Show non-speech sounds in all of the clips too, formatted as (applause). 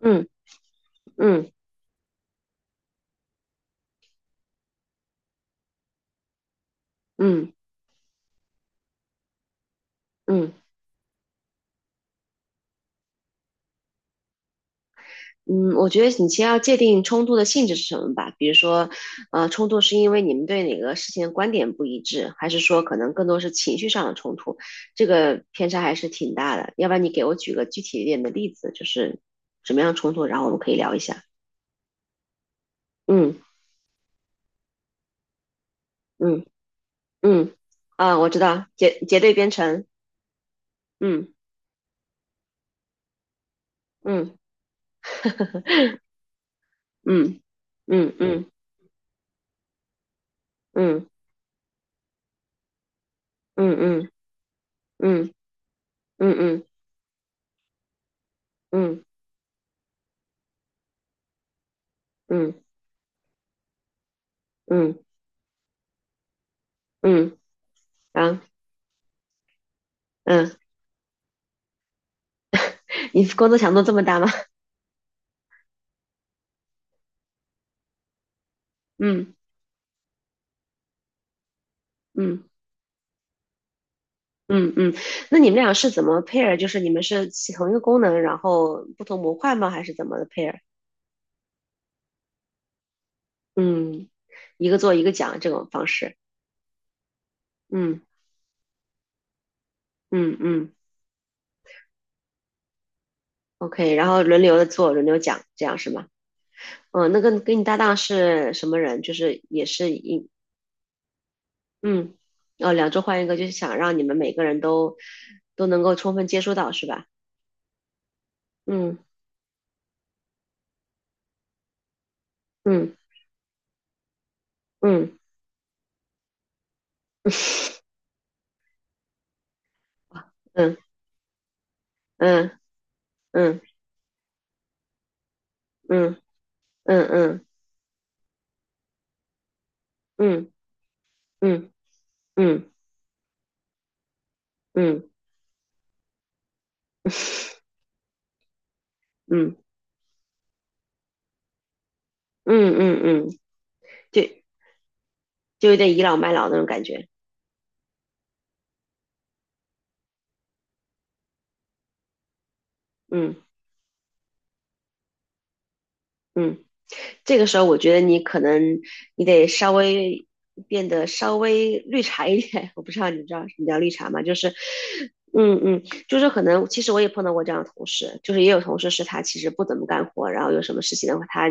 嗯嗯嗯嗯嗯，我觉得你先要界定冲突的性质是什么吧。比如说，冲突是因为你们对哪个事情的观点不一致，还是说可能更多是情绪上的冲突？这个偏差还是挺大的。要不然你给我举个具体一点的例子，就是什么样的冲突，然后我们可以聊一下。嗯嗯嗯，啊，我知道，结对编程。嗯嗯嗯嗯嗯嗯嗯嗯嗯嗯嗯嗯嗯嗯嗯嗯，啊嗯。嗯你工作强度这么大吗？(laughs) 嗯嗯嗯嗯，那你们俩是怎么 pair？就是你们是起同一个功能，然后不同模块吗？还是怎么的 pair？嗯，一个做一个讲这种方式。嗯嗯嗯，OK，然后轮流的做，轮流讲，这样是吗？嗯，那跟你搭档是什么人？就是也是一嗯哦，两周换一个，就是想让你们每个人都都能够充分接触到，是吧？嗯嗯嗯嗯嗯嗯嗯嗯嗯。嗯嗯嗯嗯嗯嗯嗯嗯嗯，嗯就就有点倚老卖老那种感觉。嗯嗯这个时候我觉得你可能你得稍微变得稍微绿茶一点。(laughs) 我不知道你知道什么叫绿茶吗？就是，嗯嗯，就是可能其实我也碰到过这样的同事，就是也有同事是他其实不怎么干活，然后有什么事情的话他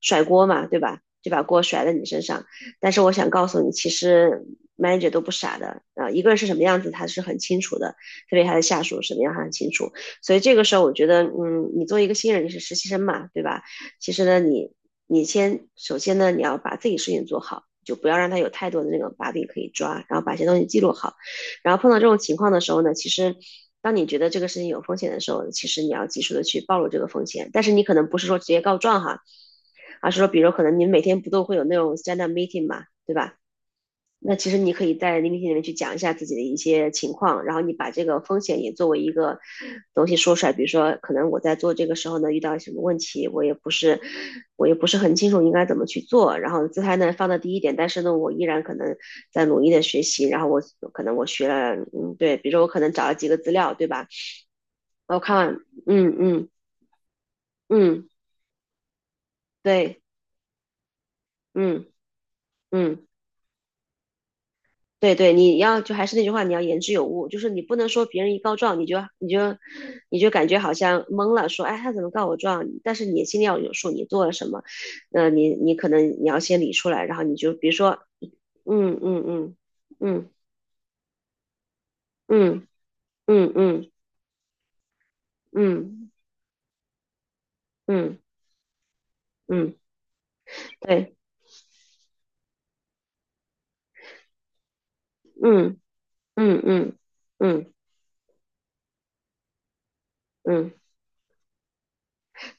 甩锅嘛，对吧？就把锅甩在你身上。但是我想告诉你，其实 manager 都不傻的啊，一个人是什么样子，他是很清楚的，特别他的下属什么样，他很清楚。所以这个时候，我觉得，嗯，你作为一个新人，你是实习生嘛，对吧？其实呢，你先首先呢，你要把自己事情做好，就不要让他有太多的那种把柄可以抓，然后把一些东西记录好。然后碰到这种情况的时候呢，其实当你觉得这个事情有风险的时候，其实你要及时的去暴露这个风险。但是你可能不是说直接告状哈，而是说，比如可能你们每天不都会有那种 stand up meeting 嘛，对吧？那其实你可以在聆听里面去讲一下自己的一些情况，然后你把这个风险也作为一个东西说出来。比如说，可能我在做这个时候呢，遇到什么问题，我也不是，我也不是很清楚应该怎么去做。然后姿态呢放到第一点，但是呢，我依然可能在努力的学习。然后我可能我学了，嗯，对，比如说我可能找了几个资料，对吧？我看完，嗯嗯嗯，对，嗯嗯。对对，你要就还是那句话，你要言之有物，就是你不能说别人一告状，你就感觉好像懵了，说哎他怎么告我状？但是你心里要有数，你做了什么，那你可能你要先理出来，然后你就比如说嗯嗯嗯嗯嗯嗯嗯嗯嗯嗯，对，嗯嗯嗯嗯嗯嗯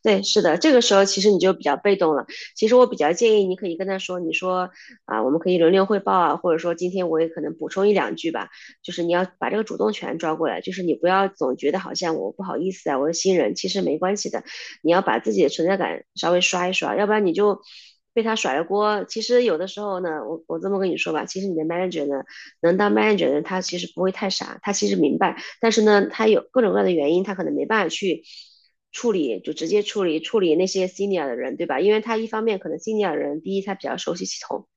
对，是的，这个时候其实你就比较被动了。其实我比较建议你可以跟他说，你说啊，我们可以轮流汇报啊，或者说今天我也可能补充一两句吧。就是你要把这个主动权抓过来，就是你不要总觉得好像我不好意思啊，我是新人，其实没关系的。你要把自己的存在感稍微刷一刷，要不然你就被他甩了锅。其实有的时候呢，我这么跟你说吧，其实你的 manager 呢，能当 manager 的人，他其实不会太傻，他其实明白但是呢，他有各种各样的原因，他可能没办法去处理，就直接处理那些 senior 的人，对吧？因为他一方面可能 senior 的人，第一他比较熟悉系统，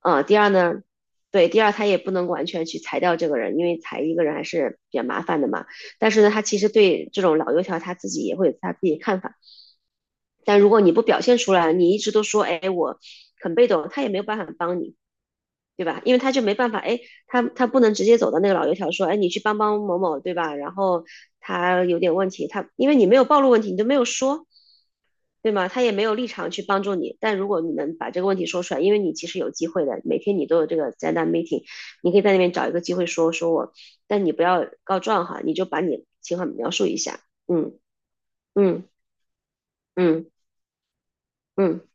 第二呢，对，第二他也不能完全去裁掉这个人，因为裁一个人还是比较麻烦的嘛。但是呢，他其实对这种老油条他自己也会有他自己看法。但如果你不表现出来，你一直都说，哎，我很被动，他也没有办法帮你，对吧？因为他就没办法，哎，他不能直接走到那个老油条说，哎，你去帮帮某某，对吧？然后他有点问题，他因为你没有暴露问题，你都没有说，对吗？他也没有立场去帮助你。但如果你能把这个问题说出来，因为你其实有机会的，每天你都有这个灾难 meeting，你可以在那边找一个机会说说我，但你不要告状哈，你就把你情况描述一下，嗯嗯嗯嗯。嗯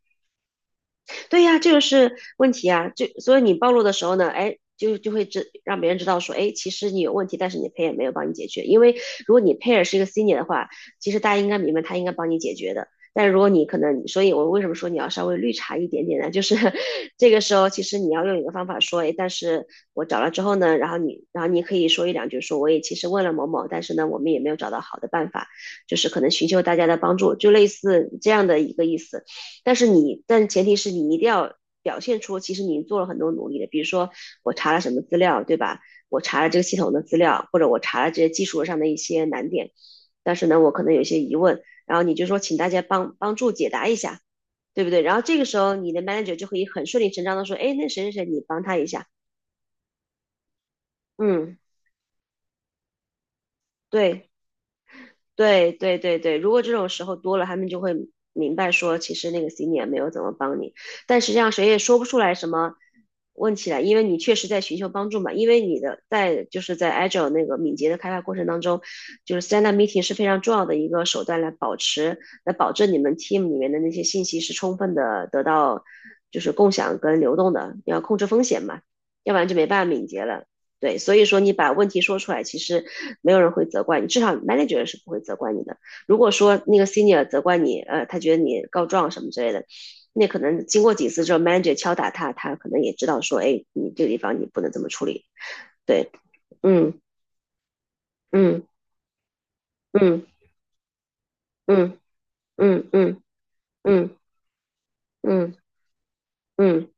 对呀，这个是问题啊。就所以你暴露的时候呢，哎，就会知让别人知道说，哎，其实你有问题，但是你的 pair 没有帮你解决。因为如果你 pair 是一个 senior 的话，其实大家应该明白他应该帮你解决的。但如果你可能，所以我为什么说你要稍微绿茶一点点呢？就是 (laughs) 这个时候，其实你要用一个方法说，哎，但是我找了之后呢，然后你可以说一两句说，我也其实问了某某，但是呢，我们也没有找到好的办法，就是可能寻求大家的帮助，就类似这样的一个意思。但前提是你一定要表现出其实你做了很多努力的，比如说我查了什么资料，对吧？我查了这个系统的资料，或者我查了这些技术上的一些难点，但是呢，我可能有些疑问，然后你就说请大家帮助解答一下，对不对？然后这个时候你的 manager 就可以很顺理成章的说，哎，那谁谁谁，你帮他一下，嗯，对。对对对对，如果这种时候多了，他们就会明白说，其实那个 senior 没有怎么帮你，但实际上谁也说不出来什么问题来，因为你确实在寻求帮助嘛。因为你的在就是在 Agile 那个敏捷的开发过程当中，就是 stand up meeting 是非常重要的一个手段来保证你们 team 里面的那些信息是充分的得到就是共享跟流动的，你要控制风险嘛，要不然就没办法敏捷了。对，所以说你把问题说出来，其实没有人会责怪你，至少 manager 是不会责怪你的。如果说那个 senior 责怪你，他觉得你告状什么之类的，那可能经过几次之后，manager 敲打他，他可能也知道说，哎，你这个地方你不能这么处理。对，嗯嗯嗯嗯嗯嗯嗯嗯嗯，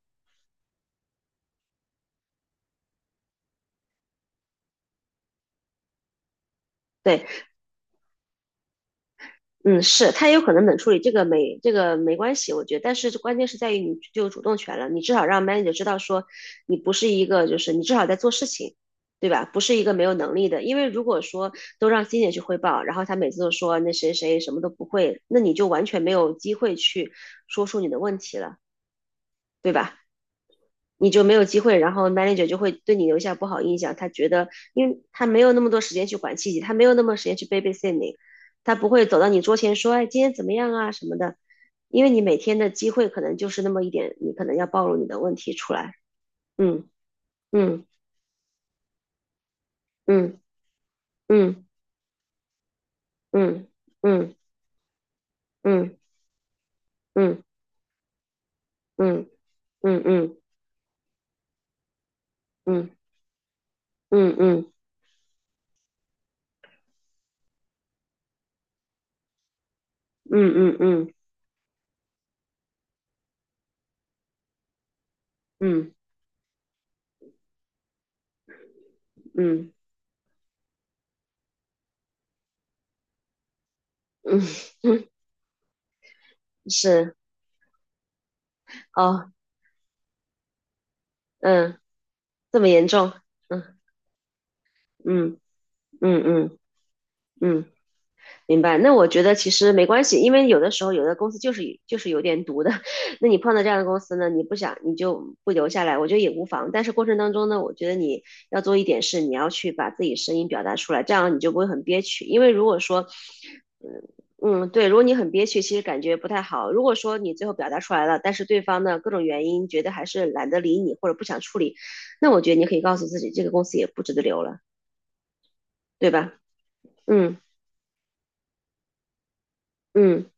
对。嗯，是，他也有可能冷处理，这个没关系，我觉得。但是关键是在于你就有主动权了，你至少让 manager 知道说你不是一个，就是你至少在做事情，对吧？不是一个没有能力的。因为如果说都让 s e 去汇报，然后他每次都说那谁谁什么都不会，那你就完全没有机会去说出你的问题了，对吧？你就没有机会，然后 manager 就会对你留下不好印象。他觉得，因为他没有那么多时间去管细节，他没有那么多时间去 babysit g 他不会走到你桌前说，哎，今天怎么样啊什么的，因为你每天的机会可能就是那么一点，你可能要暴露你的问题出来。嗯嗯嗯嗯嗯嗯嗯嗯嗯嗯嗯嗯嗯嗯嗯嗯嗯嗯嗯嗯，是。哦，嗯，这么严重。嗯嗯嗯嗯。嗯，明白。那我觉得其实没关系，因为有的时候有的公司就是有点毒的。(laughs) 那你碰到这样的公司呢，你不想你就不留下来，我觉得也无妨。但是过程当中呢，我觉得你要做一点事，你要去把自己声音表达出来，这样你就不会很憋屈。因为如果说，嗯，对，如果你很憋屈，其实感觉不太好。如果说你最后表达出来了，但是对方呢各种原因觉得还是懒得理你或者不想处理，那我觉得你可以告诉自己，这个公司也不值得留了，对吧？嗯嗯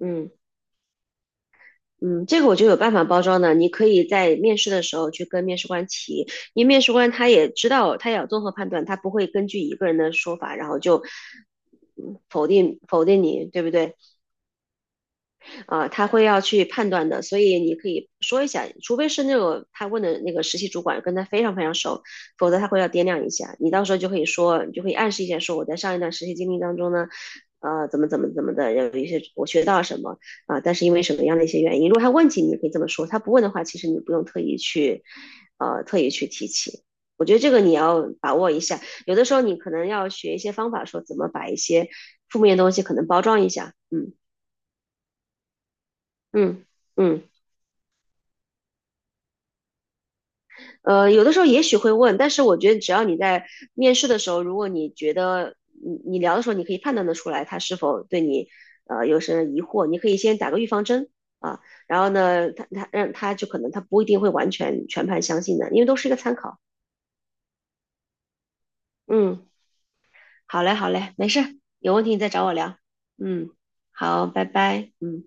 嗯。嗯，这个我就有办法包装的。你可以在面试的时候去跟面试官提，因为面试官他也知道，他也要综合判断，他不会根据一个人的说法，然后就嗯否定你，对不对？啊，他会要去判断的，所以你可以说一下，除非是那个他问的那个实习主管跟他非常非常熟，否则他会要掂量一下。你到时候就可以说，你就可以暗示一下，说我在上一段实习经历当中呢，怎么怎么怎么的，有一些我学到了什么啊、但是因为什么样的一些原因，如果他问起，你可以这么说；他不问的话，其实你不用特意去，特意去提起。我觉得这个你要把握一下，有的时候你可能要学一些方法，说怎么把一些负面的东西可能包装一下。嗯嗯嗯。有的时候也许会问，但是我觉得只要你在面试的时候，如果你觉得你聊的时候，你可以判断得出来他是否对你有什么疑惑，你可以先打个预防针啊，然后呢，他他让他就可能他不一定会完全全盘相信的，因为都是一个参考。嗯，好嘞，好嘞，没事有问题你再找我聊。嗯，好，拜拜，嗯。